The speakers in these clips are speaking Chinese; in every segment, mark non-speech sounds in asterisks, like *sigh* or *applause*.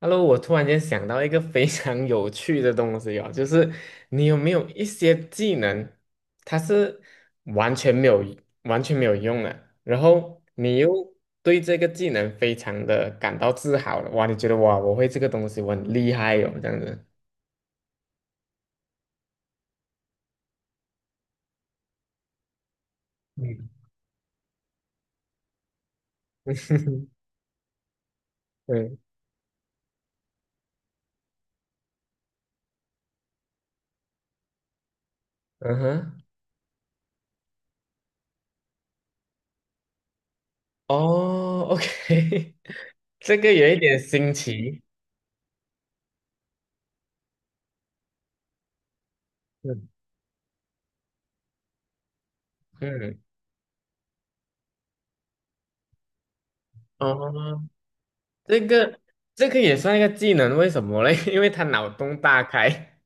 Hello，我突然间想到一个非常有趣的东西哦，就是你有没有一些技能，它是完全没有完全没有用的，然后你又对这个技能非常的感到自豪了，哇，你觉得哇，我会这个东西，我很厉害哦，这样子。嗯，*laughs* 对，嗯哼，哦，OK，*laughs* 这个有一点新奇 *laughs*，嗯，嗯，哦，这个这个也算一个技能，为什么嘞？*laughs* 因为他脑洞大开。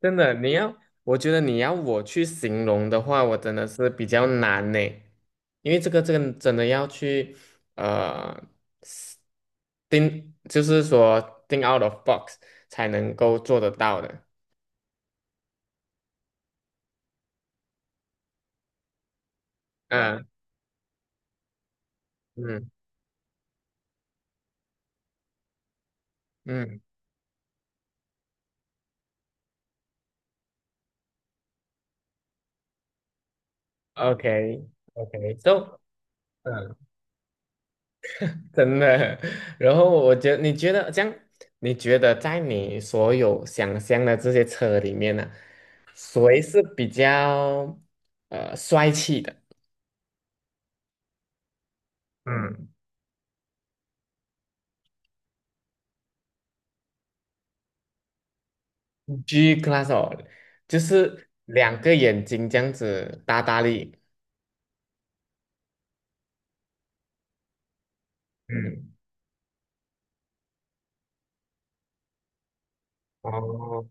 真的，你要，我觉得你要我去形容的话，我真的是比较难呢，因为这个真的要去呃定，就是说定 out of box 才能够做得到的。嗯嗯嗯，OK OK，so 嗯，真的。*laughs* 然后我觉得，你觉得在你所有想象的这些车里面呢、谁是比较帅气的？嗯，g class 哦，就是两个眼睛这样子大大力。嗯，哦，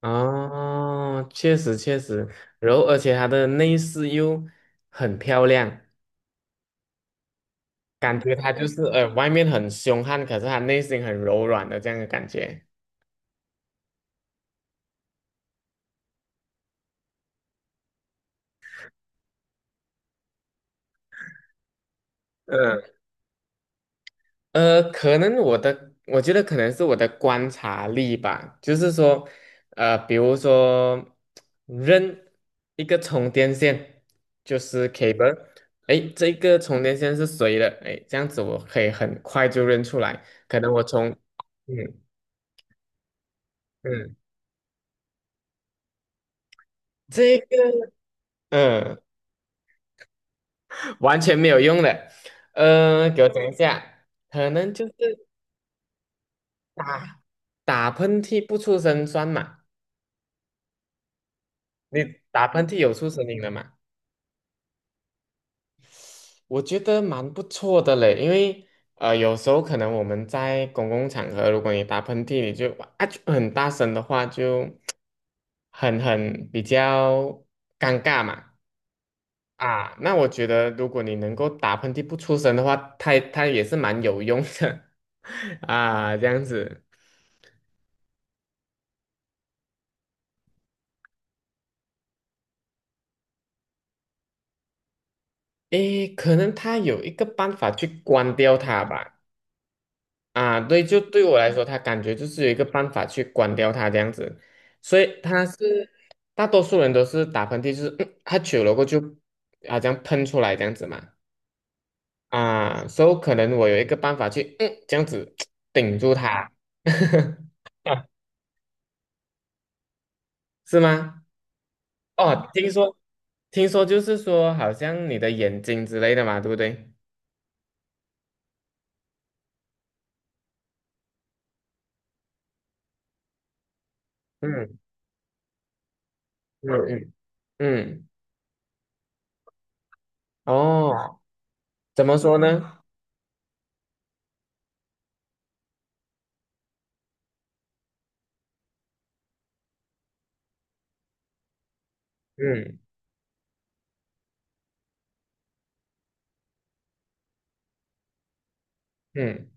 哦，确实确实，然后而且它的内饰又很漂亮，感觉它就是外面很凶悍，可是它内心很柔软的这样的感觉。嗯。呃，可能我的，我觉得可能是我的观察力吧，就是说，比如说扔一个充电线，就是 cable，哎，这个充电线是谁的？哎，这样子我可以很快就认出来，可能我从，嗯嗯，这个嗯 *laughs* 完全没有用的，给我讲一下，可能就是打打喷嚏不出声算嘛，你打喷嚏有出声音的嘛？我觉得蛮不错的嘞，因为有时候可能我们在公共场合，如果你打喷嚏，你就很大声的话，就很比较尴尬嘛。啊，那我觉得如果你能够打喷嚏不出声的话，它也是蛮有用的 *laughs* 啊，这样子。诶，可能它有一个办法去关掉它吧。啊，对，就对我来说，他感觉就是有一个办法去关掉它这样子，所以他是大多数人都是打喷嚏，就是他久了过后就啊这喷出来这样子嘛，啊，所以可能我有一个办法去这样子 *tsk* 顶住它，*laughs* 是吗？哦，听说就是说好像你的眼睛之类的嘛，对不对？嗯嗯嗯嗯，哦，怎么说呢？嗯嗯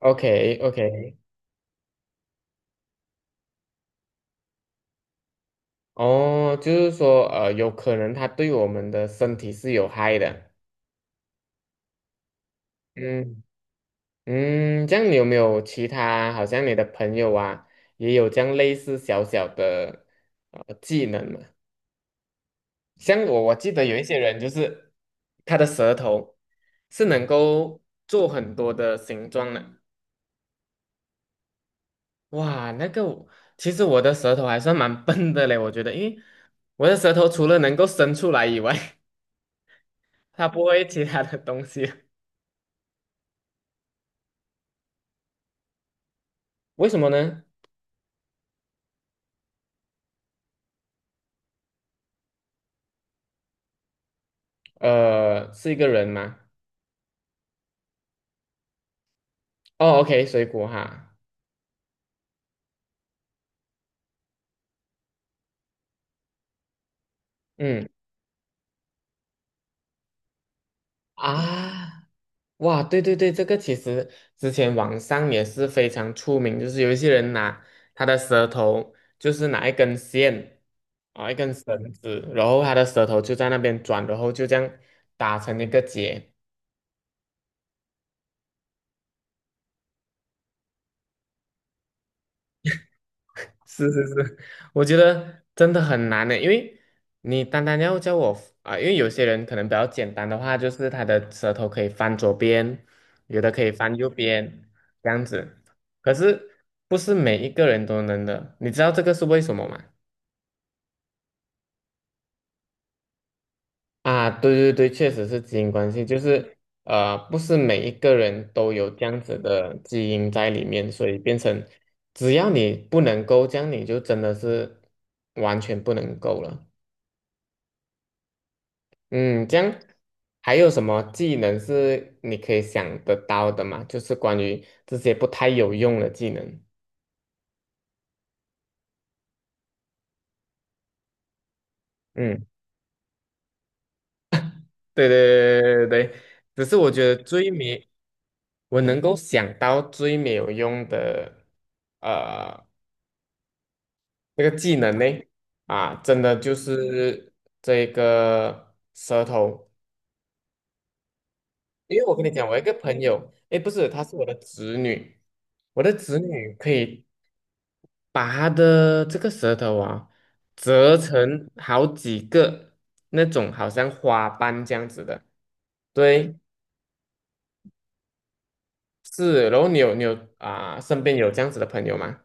，OK OK。哦，就是说，有可能它对我们的身体是有害的。嗯嗯，这样你有没有其他，好像你的朋友啊，也有这样类似小小的技能嘛？像我记得有一些人就是他的舌头是能够做很多的形状的。哇，那个我其实我的舌头还算蛮笨的嘞，我觉得，因为我的舌头除了能够伸出来以外，*laughs* 它不会其他的东西。为什么呢？是一个人吗？哦，OK，水果哈，嗯啊，哇，对对对，这个其实之前网上也是非常出名，就是有一些人拿他的舌头，就是拿一根线啊，一根绳子，然后他的舌头就在那边转，然后就这样打成一个结，是是是，我觉得真的很难呢，因为你单单要叫我啊、因为有些人可能比较简单的话，就是他的舌头可以翻左边，有的可以翻右边，这样子。可是不是每一个人都能的，你知道这个是为什么吗？啊，对对对，确实是基因关系，就是不是每一个人都有这样子的基因在里面，所以变成只要你不能够这样，你就真的是完全不能够了。嗯，这样还有什么技能是你可以想得到的吗？就是关于这些不太有用的技能。嗯，对对对对对，只是我能够想到最没有用的，呃，这个技能呢，啊，真的就是这个舌头，因为我跟你讲，我有一个朋友，诶，不是，她是我的侄女，我的侄女可以把它的这个舌头啊，折成好几个那种好像花瓣这样子的。对，是。然后你有你有啊、身边有这样子的朋友吗？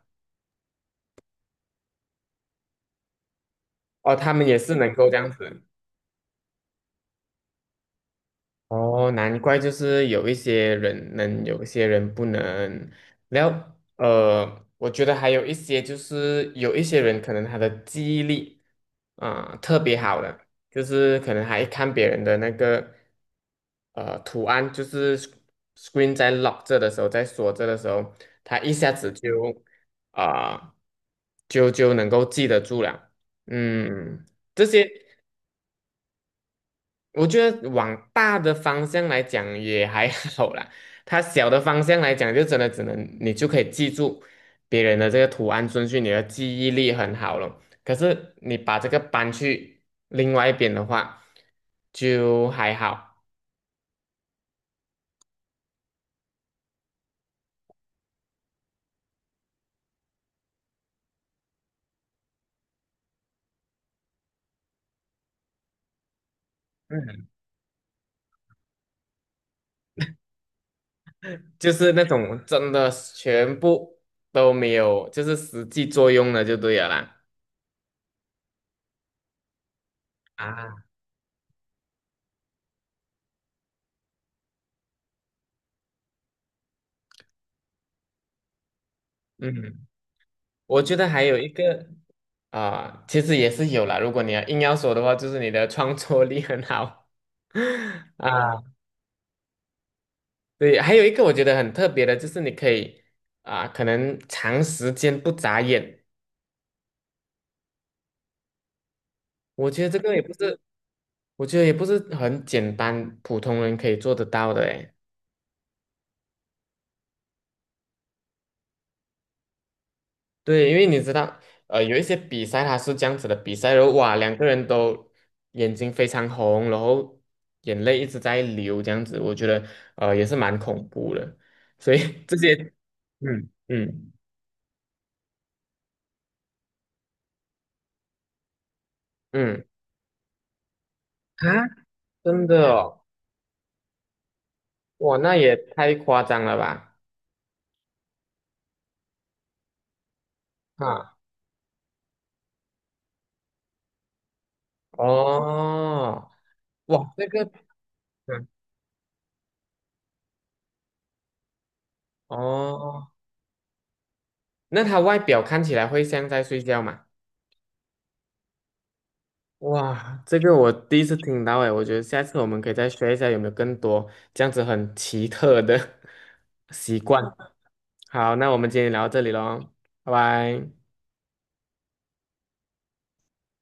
哦，他们也是能够这样子。哦，难怪就是有一些人能，有一些人不能。然后我觉得还有一些就是有一些人可能他的记忆力啊、特别好的。就是可能还看别人的那个图案，就是 r e e n 在 lock 着的时候，在锁着的时候，它一下子就啊、就就能够记得住了。嗯，这些我觉得往大的方向来讲也还 *laughs* 好啦，它小的方向来讲就真的只能你就可以记住别人的这个图案顺序，你的记忆力很好了。可是你把这个搬去另外一边的话，就还好。嗯。就是那种真的全部都没有，就是实际作用的就对了啦。啊，嗯，我觉得还有一个啊、其实也是有啦。如果你要硬要说的话，就是你的创作力很好 *laughs* 啊。对，还有一个我觉得很特别的，就是你可以啊、可能长时间不眨眼，我觉得这个也不是，我觉得也不是很简单，普通人可以做得到的诶。对，因为你知道，有一些比赛它是这样子的，比赛然后哇，两个人都眼睛非常红，然后眼泪一直在流，这样子，我觉得也是蛮恐怖的。所以 *laughs* 这些，嗯嗯嗯啊，真的哦，哇，那也太夸张了吧？啊，哦，哇，这个，嗯，哦，那他外表看起来会像在睡觉吗？哇，这个我第一次听到诶，我觉得下次我们可以再学一下有没有更多这样子很奇特的 *laughs* 习惯。好，那我们今天聊到这里喽，拜拜。